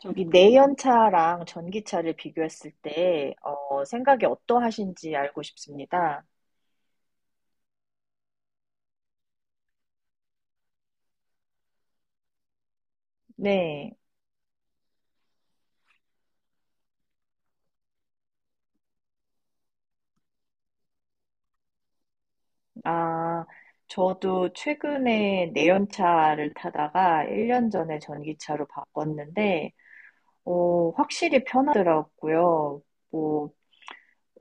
저기 내연차랑 전기차를 비교했을 때, 생각이 어떠하신지 알고 싶습니다. 네. 아, 저도 최근에 내연차를 타다가 1년 전에 전기차로 바꿨는데, 확실히 편하더라고요. 뭐,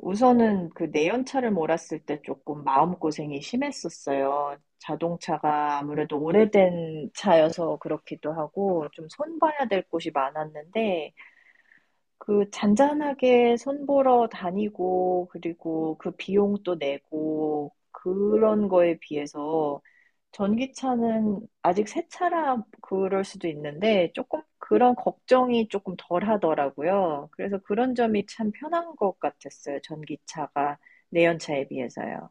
우선은 그 내연차를 몰았을 때 조금 마음고생이 심했었어요. 자동차가 아무래도 오래된 차여서 그렇기도 하고, 좀 손봐야 될 곳이 많았는데, 그 잔잔하게 손 보러 다니고 그리고 그 비용도 내고 그런 거에 비해서 전기차는 아직 새 차라 그럴 수도 있는데 조금 그런 걱정이 조금 덜 하더라고요. 그래서 그런 점이 참 편한 것 같았어요. 전기차가 내연차에 비해서요.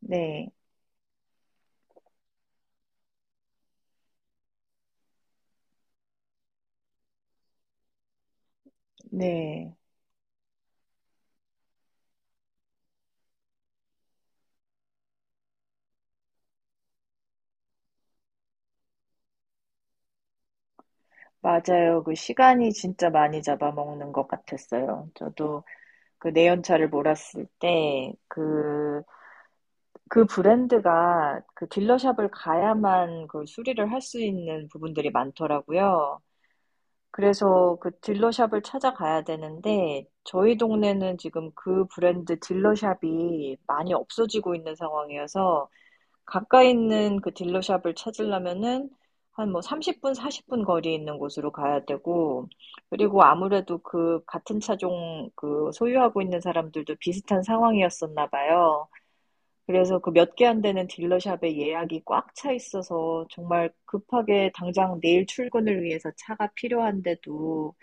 네, 네. 맞아요. 그 시간이 진짜 많이 잡아먹는 것 같았어요. 저도 그 내연차를 몰았을 때그 그 브랜드가 그 딜러샵을 가야만 그 수리를 할 수 있는 부분들이 많더라고요. 그래서 그 딜러샵을 찾아가야 되는데 저희 동네는 지금 그 브랜드 딜러샵이 많이 없어지고 있는 상황이어서 가까이 있는 그 딜러샵을 찾으려면은 한 뭐 30분, 40분 거리에 있는 곳으로 가야 되고 그리고 아무래도 그 같은 차종 그 소유하고 있는 사람들도 비슷한 상황이었었나 봐요. 그래서 그 몇 개 안 되는 딜러샵에 예약이 꽉 차 있어서 정말 급하게 당장 내일 출근을 위해서 차가 필요한데도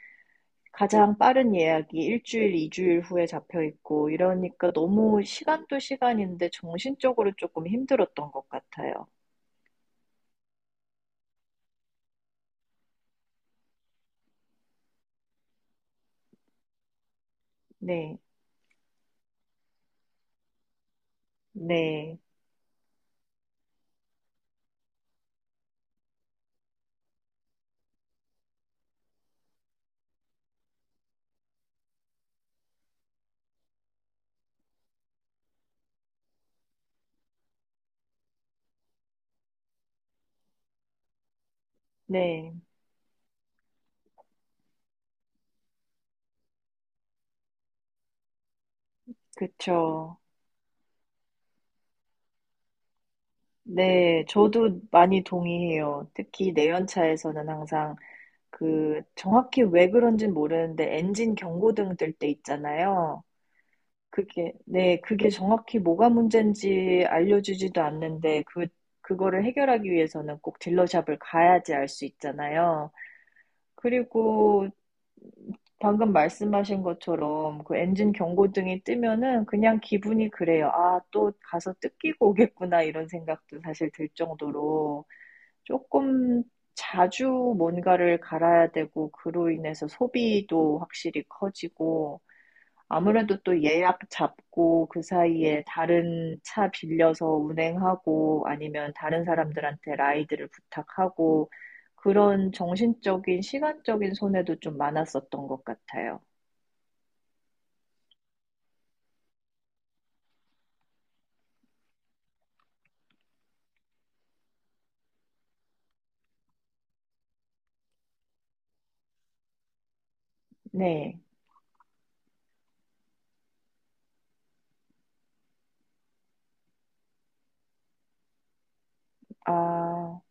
가장 빠른 예약이 일주일, 이주일 후에 잡혀 있고 이러니까 너무 시간도 시간인데 정신적으로 조금 힘들었던 것 같아요. 네, 네, 네, 그쵸. 네, 저도 많이 동의해요. 특히 내연차에서는 항상 그 정확히 왜 그런진 모르는데 엔진 경고등 뜰 때 있잖아요. 그게, 네, 그게 정확히 뭐가 문제인지 알려주지도 않는데, 그, 그거를 해결하기 위해서는 꼭 딜러샵을 가야지 알 수 있잖아요. 그리고 방금 말씀하신 것처럼 그 엔진 경고등이 뜨면은 그냥 기분이 그래요. 아, 또 가서 뜯기고 오겠구나, 이런 생각도 사실 들 정도로 조금 자주 뭔가를 갈아야 되고, 그로 인해서 소비도 확실히 커지고, 아무래도 또 예약 잡고 그 사이에 다른 차 빌려서 운행하고 아니면 다른 사람들한테 라이드를 부탁하고 그런 정신적인, 시간적인 손해도 좀 많았었던 것 같아요. 네. 아,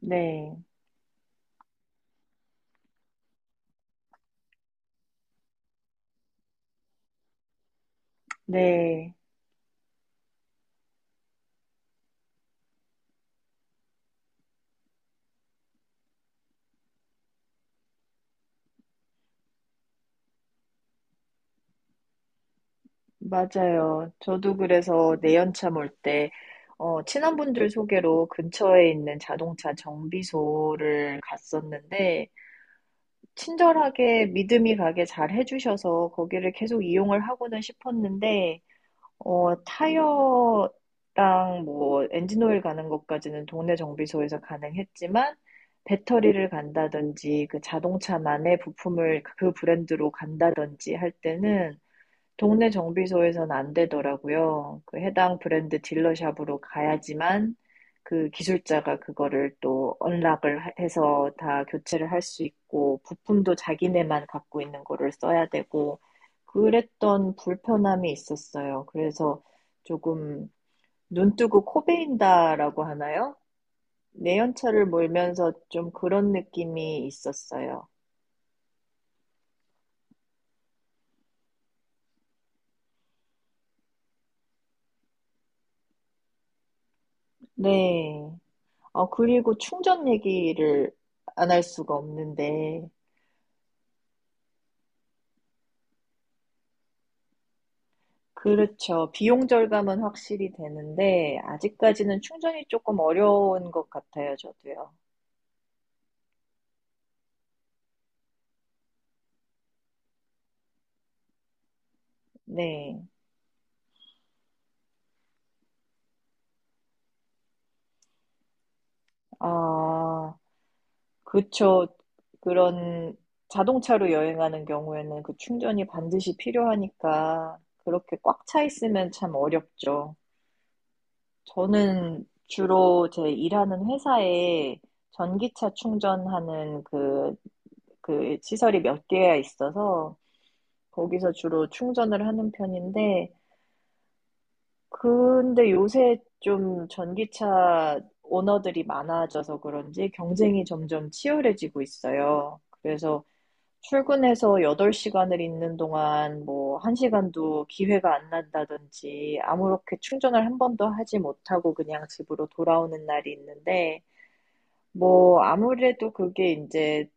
네. 네. 맞아요. 저도 그래서 내연차 몰 때, 친한 분들 소개로 근처에 있는 자동차 정비소를 갔었는데, 친절하게 믿음이 가게 잘 해 주셔서 거기를 계속 이용을 하고는 싶었는데 타이어랑 뭐 엔진 오일 가는 것까지는 동네 정비소에서 가능했지만 배터리를 간다든지 그 자동차만의 부품을 그 브랜드로 간다든지 할 때는 동네 정비소에선 안 되더라고요. 그 해당 브랜드 딜러샵으로 가야지만 그 기술자가 그거를 또 언락을 해서 다 교체를 할 수 있고 부품도 자기네만 갖고 있는 거를 써야 되고 그랬던 불편함이 있었어요. 그래서 조금 눈 뜨고 코 베인다라고 하나요? 내연차를 몰면서 좀 그런 느낌이 있었어요. 네. 그리고 충전 얘기를 안 할 수가 없는데, 그렇죠. 비용 절감은 확실히 되는데, 아직까지는 충전이 조금 어려운 것 같아요, 저도요. 네. 아, 그쵸. 그런 자동차로 여행하는 경우에는 그 충전이 반드시 필요하니까, 그렇게 꽉 차 있으면 참 어렵죠. 저는 주로 제 일하는 회사에 전기차 충전하는 그 시설이 몇 개야 있어서 거기서 주로 충전을 하는 편인데, 근데 요새 좀 전기차 오너들이 많아져서 그런지 경쟁이 점점 치열해지고 있어요. 그래서 출근해서 8시간을 있는 동안 뭐 1시간도 기회가 안 난다든지 아무렇게 충전을 한 번도 하지 못하고 그냥 집으로 돌아오는 날이 있는데 뭐 아무래도 그게 이제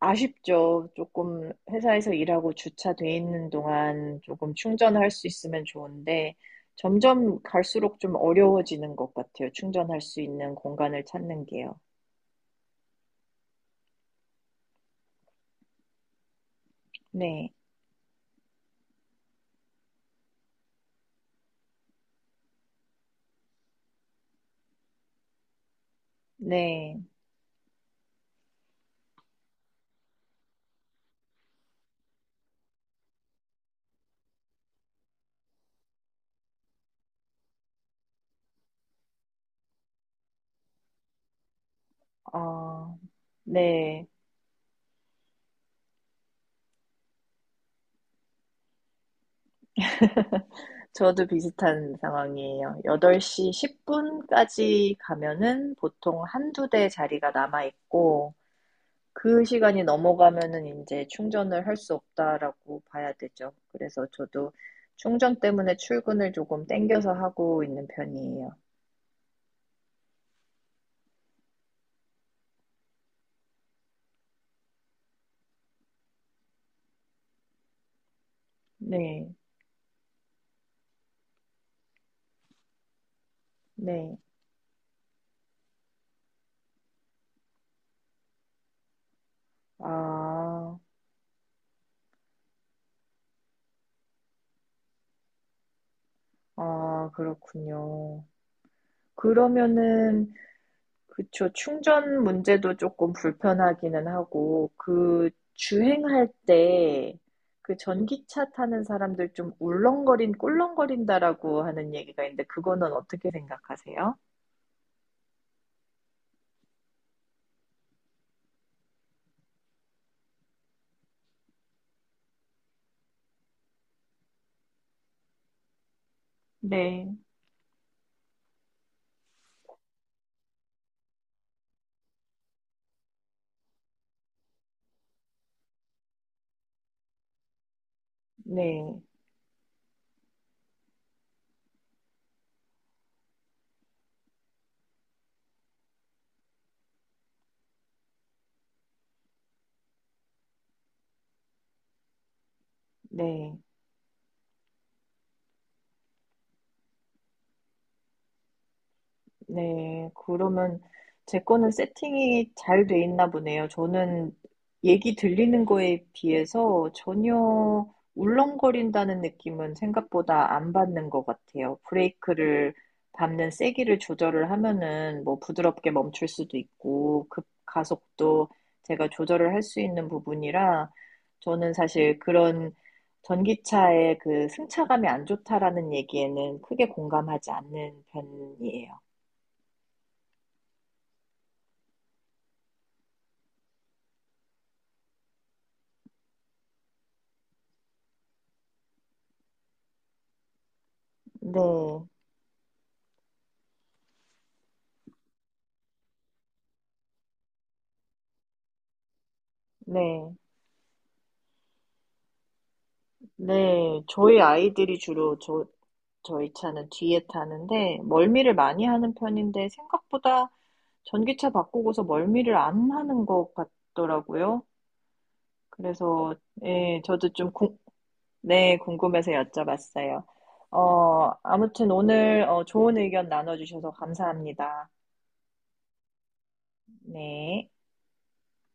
아쉽죠. 조금 회사에서 일하고 주차돼 있는 동안 조금 충전을 할 수 있으면 좋은데 점점 갈수록 좀 어려워지는 것 같아요, 충전할 수 있는 공간을 찾는 게요. 네. 네. 아. 네. 저도 비슷한 상황이에요. 8:10 까지 가면은 보통 한두 대 자리가 남아 있고 그 시간이 넘어가면은 이제 충전을 할 수 없다라고 봐야 되죠. 그래서 저도 충전 때문에 출근을 조금 땡겨서 하고 있는 편이에요. 네. 네. 아. 아 그렇군요. 그러면은 그쵸. 충전 문제도 조금 불편하기는 하고 그 주행할 때 그 "전기차 타는 사람들 좀 울렁거린 꿀렁거린다."라고 하는 얘기가 있는데 그거는 어떻게 생각하세요? 네. 네. 네. 네. 그러면 제 거는 세팅이 잘 돼 있나 보네요. 저는 얘기 들리는 거에 비해서 전혀 울렁거린다는 느낌은 생각보다 안 받는 것 같아요. 브레이크를 밟는 세기를 조절을 하면은 뭐 부드럽게 멈출 수도 있고 급 가속도 제가 조절을 할 수 있는 부분이라 저는 사실 그런 전기차의 그 승차감이 안 좋다라는 얘기에는 크게 공감하지 않는 편이에요. 네, 네, 네. 저희 아이들이 주로 저희 차는 뒤에 타는데, 멀미를 많이 하는 편인데, 생각보다 전기차 바꾸고서 멀미를 안 하는 것 같더라고요. 그래서, 예, 저도 좀, 네, 궁금해서 여쭤봤어요. 아무튼 오늘 좋은 의견 나눠주셔서 감사합니다. 네.